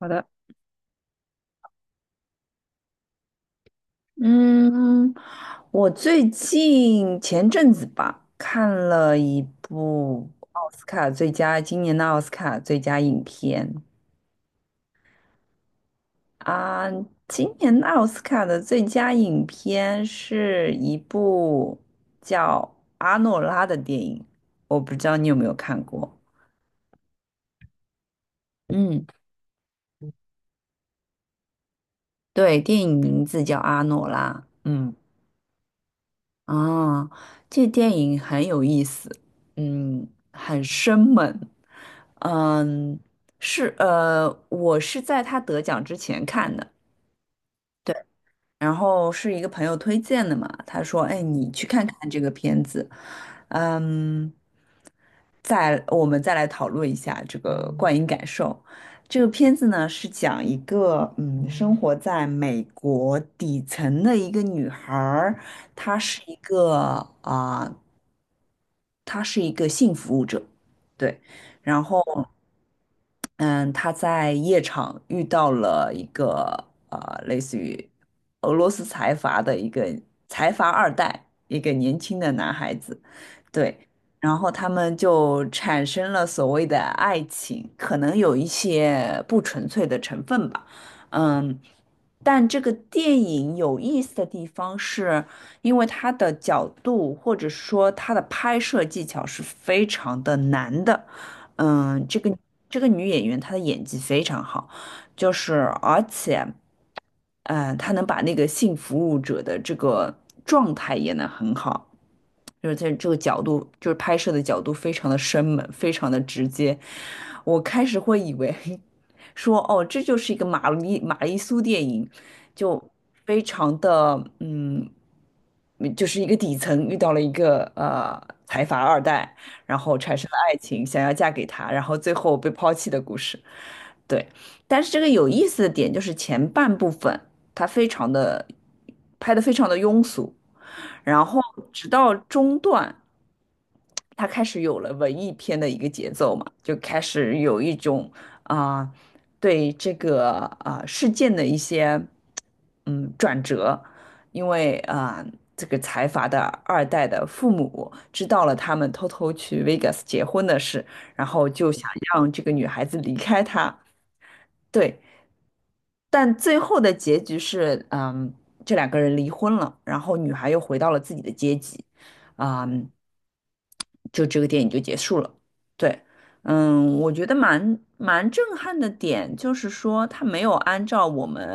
好的，嗯，我最近前阵子吧，看了一部奥斯卡最佳，今年的奥斯卡最佳影片啊，今年的奥斯卡的最佳影片是一部叫《阿诺拉》的电影，我不知道你有没有看过。嗯，对，电影名字叫《阿诺拉》。嗯。啊，这电影很有意思，嗯，很生猛，嗯，我是在他得奖之前看的，对。然后是一个朋友推荐的嘛，他说：“哎，你去看看这个片子，嗯，我们再来讨论一下这个观影感受。这个片子呢是讲一个生活在美国底层的一个女孩儿，她是一个啊、她是一个性服务者，对，然后。”嗯，他在夜场遇到了一个类似于俄罗斯财阀的一个财阀二代，一个年轻的男孩子，对，然后他们就产生了所谓的爱情，可能有一些不纯粹的成分吧，嗯，但这个电影有意思的地方是，因为它的角度或者说它的拍摄技巧是非常的难的。嗯，这个这个女演员她的演技非常好，就是而且，她能把那个性服务者的这个状态演得很好，就是在这个角度，就是拍摄的角度非常的生猛，非常的直接。我开始会以为 说，哦，这就是一个玛丽苏电影，就非常的就是一个底层遇到了一个财阀二代。然后产生了爱情，想要嫁给他，然后最后被抛弃的故事。对，但是这个有意思的点就是前半部分它非常的拍的非常的庸俗，然后直到中段。他开始有了文艺片的一个节奏嘛，就开始有一种啊、对这个事件的一些转折，因为这个财阀的二代的父母知道了他们偷偷去 Vegas 结婚的事，然后就想让这个女孩子离开他，对，但最后的结局是这两个人离婚了，然后女孩又回到了自己的阶级，啊、嗯就这个电影就结束了。对，我觉得蛮震撼的点就是说，它没有按照我们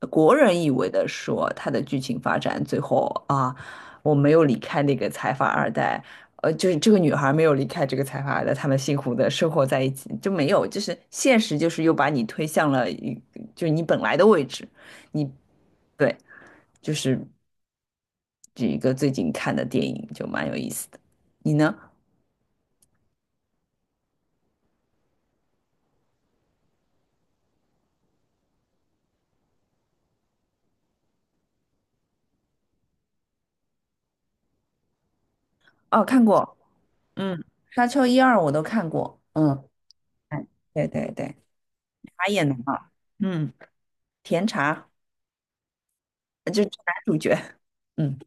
国人以为的说它的剧情发展，最后啊，我没有离开那个财阀二代，就是这个女孩没有离开这个财阀二代，他们幸福的生活在一起，就没有，就是现实就是又把你推向了一，就是你本来的位置，你对，就是这一个最近看的电影就蛮有意思的，你呢？哦，看过。嗯，《沙丘》一二我都看过，嗯，哎对对对，茶也能啊，嗯，甜茶就是男主角，嗯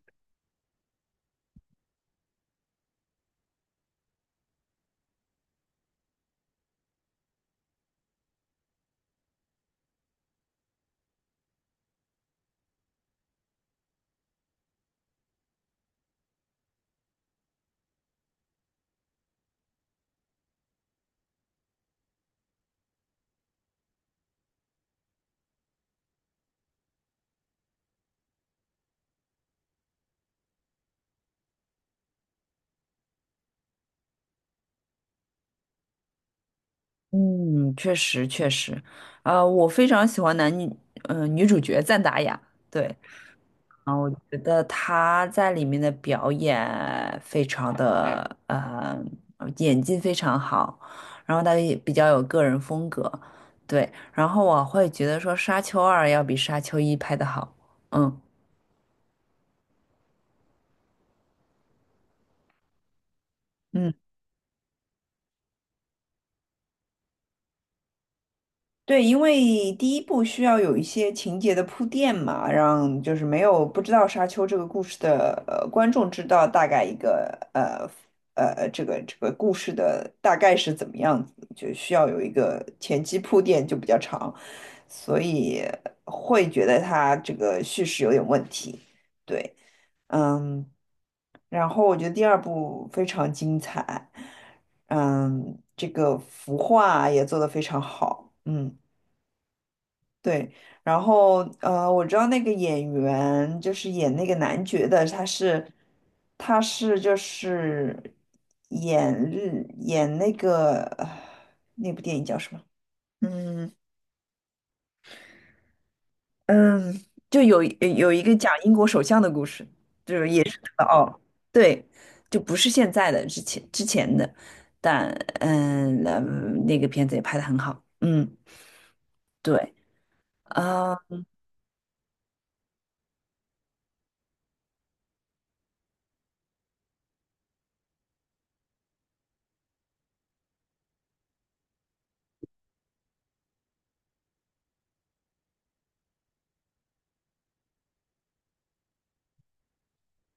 嗯，确实确实，我非常喜欢女主角赞达雅，对，我觉得她在里面的表演非常的，演技非常好，然后她也比较有个人风格，对，然后我会觉得说《沙丘二》要比《沙丘一》拍的好，嗯。嗯。对，因为第一部需要有一些情节的铺垫嘛，让就是没有不知道《沙丘》这个故事的观众知道大概一个呃这个故事的大概是怎么样子，就需要有一个前期铺垫就比较长，所以会觉得它这个叙事有点问题。对，嗯，然后我觉得第二部非常精彩，这个服化也做得非常好，嗯。对，然后我知道那个演员就是演那个男爵的，他是就是演那个那部电影叫什么？嗯嗯，就有一个讲英国首相的故事哦，对，就不是现在的，之前的，但嗯，那那个片子也拍的很好，嗯，对，啊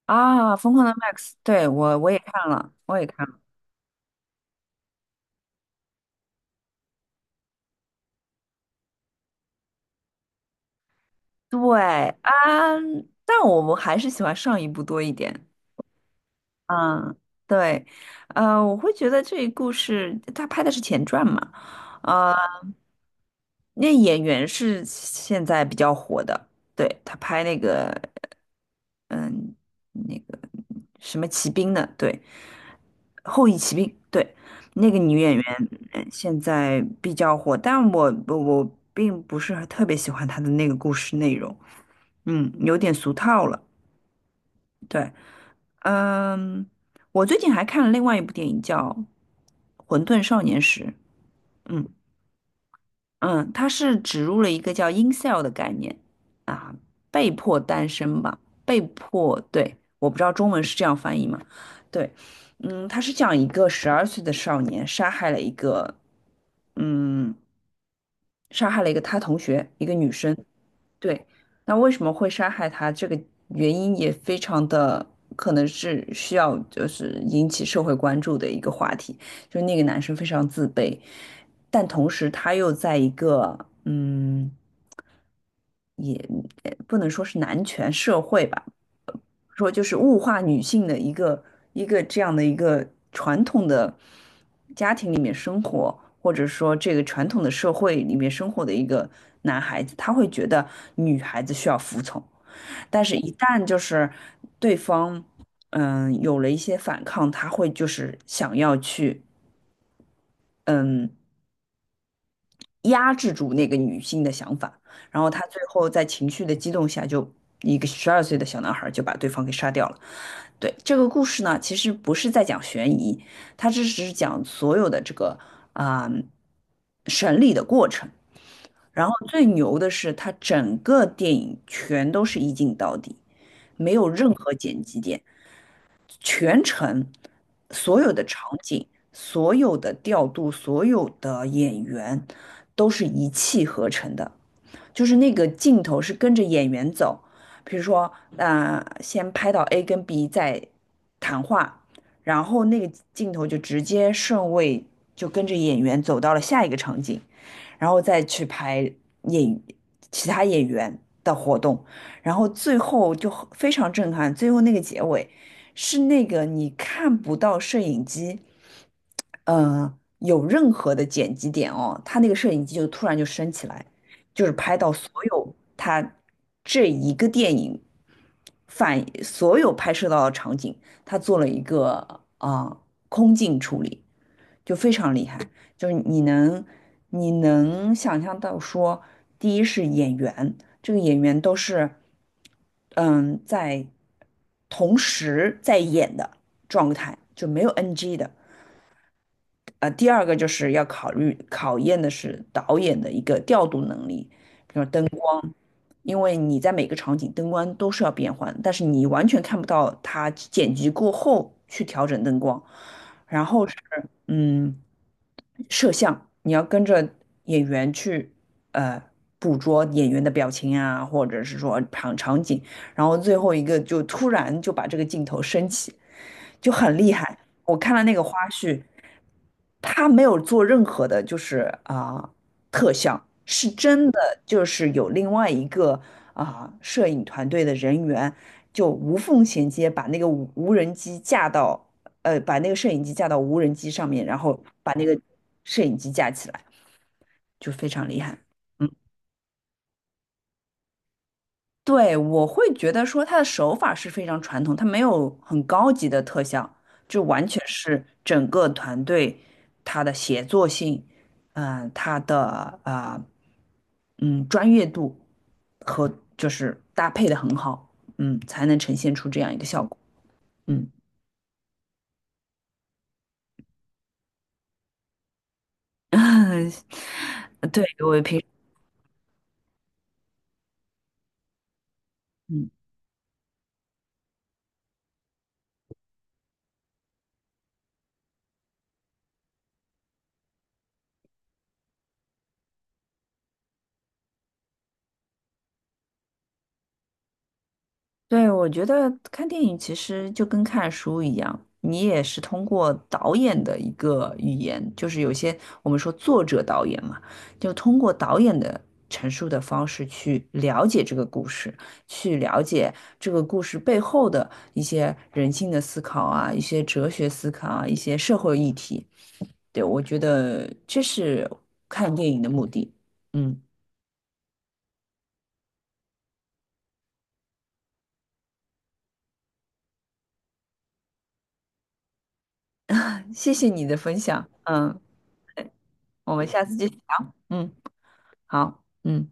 啊，《疯狂的 Max》，对，我也看了，我也看了。对啊，但我们还是喜欢上一部多一点。嗯，对，我会觉得这个故事他拍的是前传嘛，呃，那演员是现在比较火的，对，他拍那个。嗯，那个什么骑兵的，对，《后羿骑兵》对，那个女演员现在比较火，但我并不是特别喜欢她的那个故事内容，有点俗套了。对，嗯，我最近还看了另外一部电影叫《混沌少年时》，嗯。嗯，它是植入了一个叫 incel 的概念啊，被迫单身吧，被迫，对，我不知道中文是这样翻译吗？对，它是讲一个十二岁的少年嗯，杀害了一个他同学，一个女生，对，那为什么会杀害他？这个原因也非常的可能是需要就是引起社会关注的一个话题。就那个男生非常自卑，但同时他又在一个嗯，也也不能说是男权社会吧。说就是物化女性的一个这样的一个传统的家庭里面生活，或者说这个传统的社会里面生活的一个男孩子，他会觉得女孩子需要服从，但是一旦就是对方有了一些反抗，他会就是想要去嗯压制住那个女性的想法，然后他最后在情绪的激动下就，一个十二岁的小男孩就把对方给杀掉了。对，这个故事呢，其实不是在讲悬疑，它只是讲所有的这个啊、审理的过程。然后最牛的是，它整个电影全都是一镜到底，没有任何剪辑点。全程所有的场景、所有的调度、所有的演员都是一气呵成的。就是那个镜头是跟着演员走，比如说，先拍到 A 跟 B 在谈话，然后那个镜头就直接顺位就跟着演员走到了下一个场景，然后再去拍演其他演员的活动，然后最后就很非常震撼，最后那个结尾是那个你看不到摄影机。有任何的剪辑点哦，他那个摄影机就突然就升起来，就是拍到所有他这一个电影反所有拍摄到的场景，他做了一个啊、呃空镜处理，就非常厉害。就是你能想象到说，第一是演员，这个演员都是嗯在同时在演的状态，就没有 NG 的。第二个就是要考验的是导演的一个调度能力，比如灯光，因为你在每个场景灯光都是要变换，但是你完全看不到他剪辑过后去调整灯光。然后是，嗯，摄像，你要跟着演员去呃捕捉演员的表情啊，或者是说场景，然后最后一个就突然就把这个镜头升起，就很厉害。我看了那个花絮，他没有做任何的，就是特效，是真的，就是有另外一个摄影团队的人员就无缝衔接，把那个无人机架到。把那个摄影机架到无人机上面，然后把那个摄影机架起来，就非常厉害。嗯，对，我会觉得说他的手法是非常传统，他没有很高级的特效，就完全是整个团队他的协作性，它的专业度和就是搭配的很好，才能呈现出这样一个效果。嗯，对，我平时。嗯对，我觉得看电影其实就跟看书一样，你也是通过导演的一个语言，就是有些我们说作者导演嘛，就通过导演的陈述的方式去了解这个故事，去了解这个故事背后的一些人性的思考啊，一些哲学思考啊，一些社会议题。对，我觉得这是看电影的目的。嗯，谢谢你的分享。嗯，我们下次继续聊。嗯，好。嗯。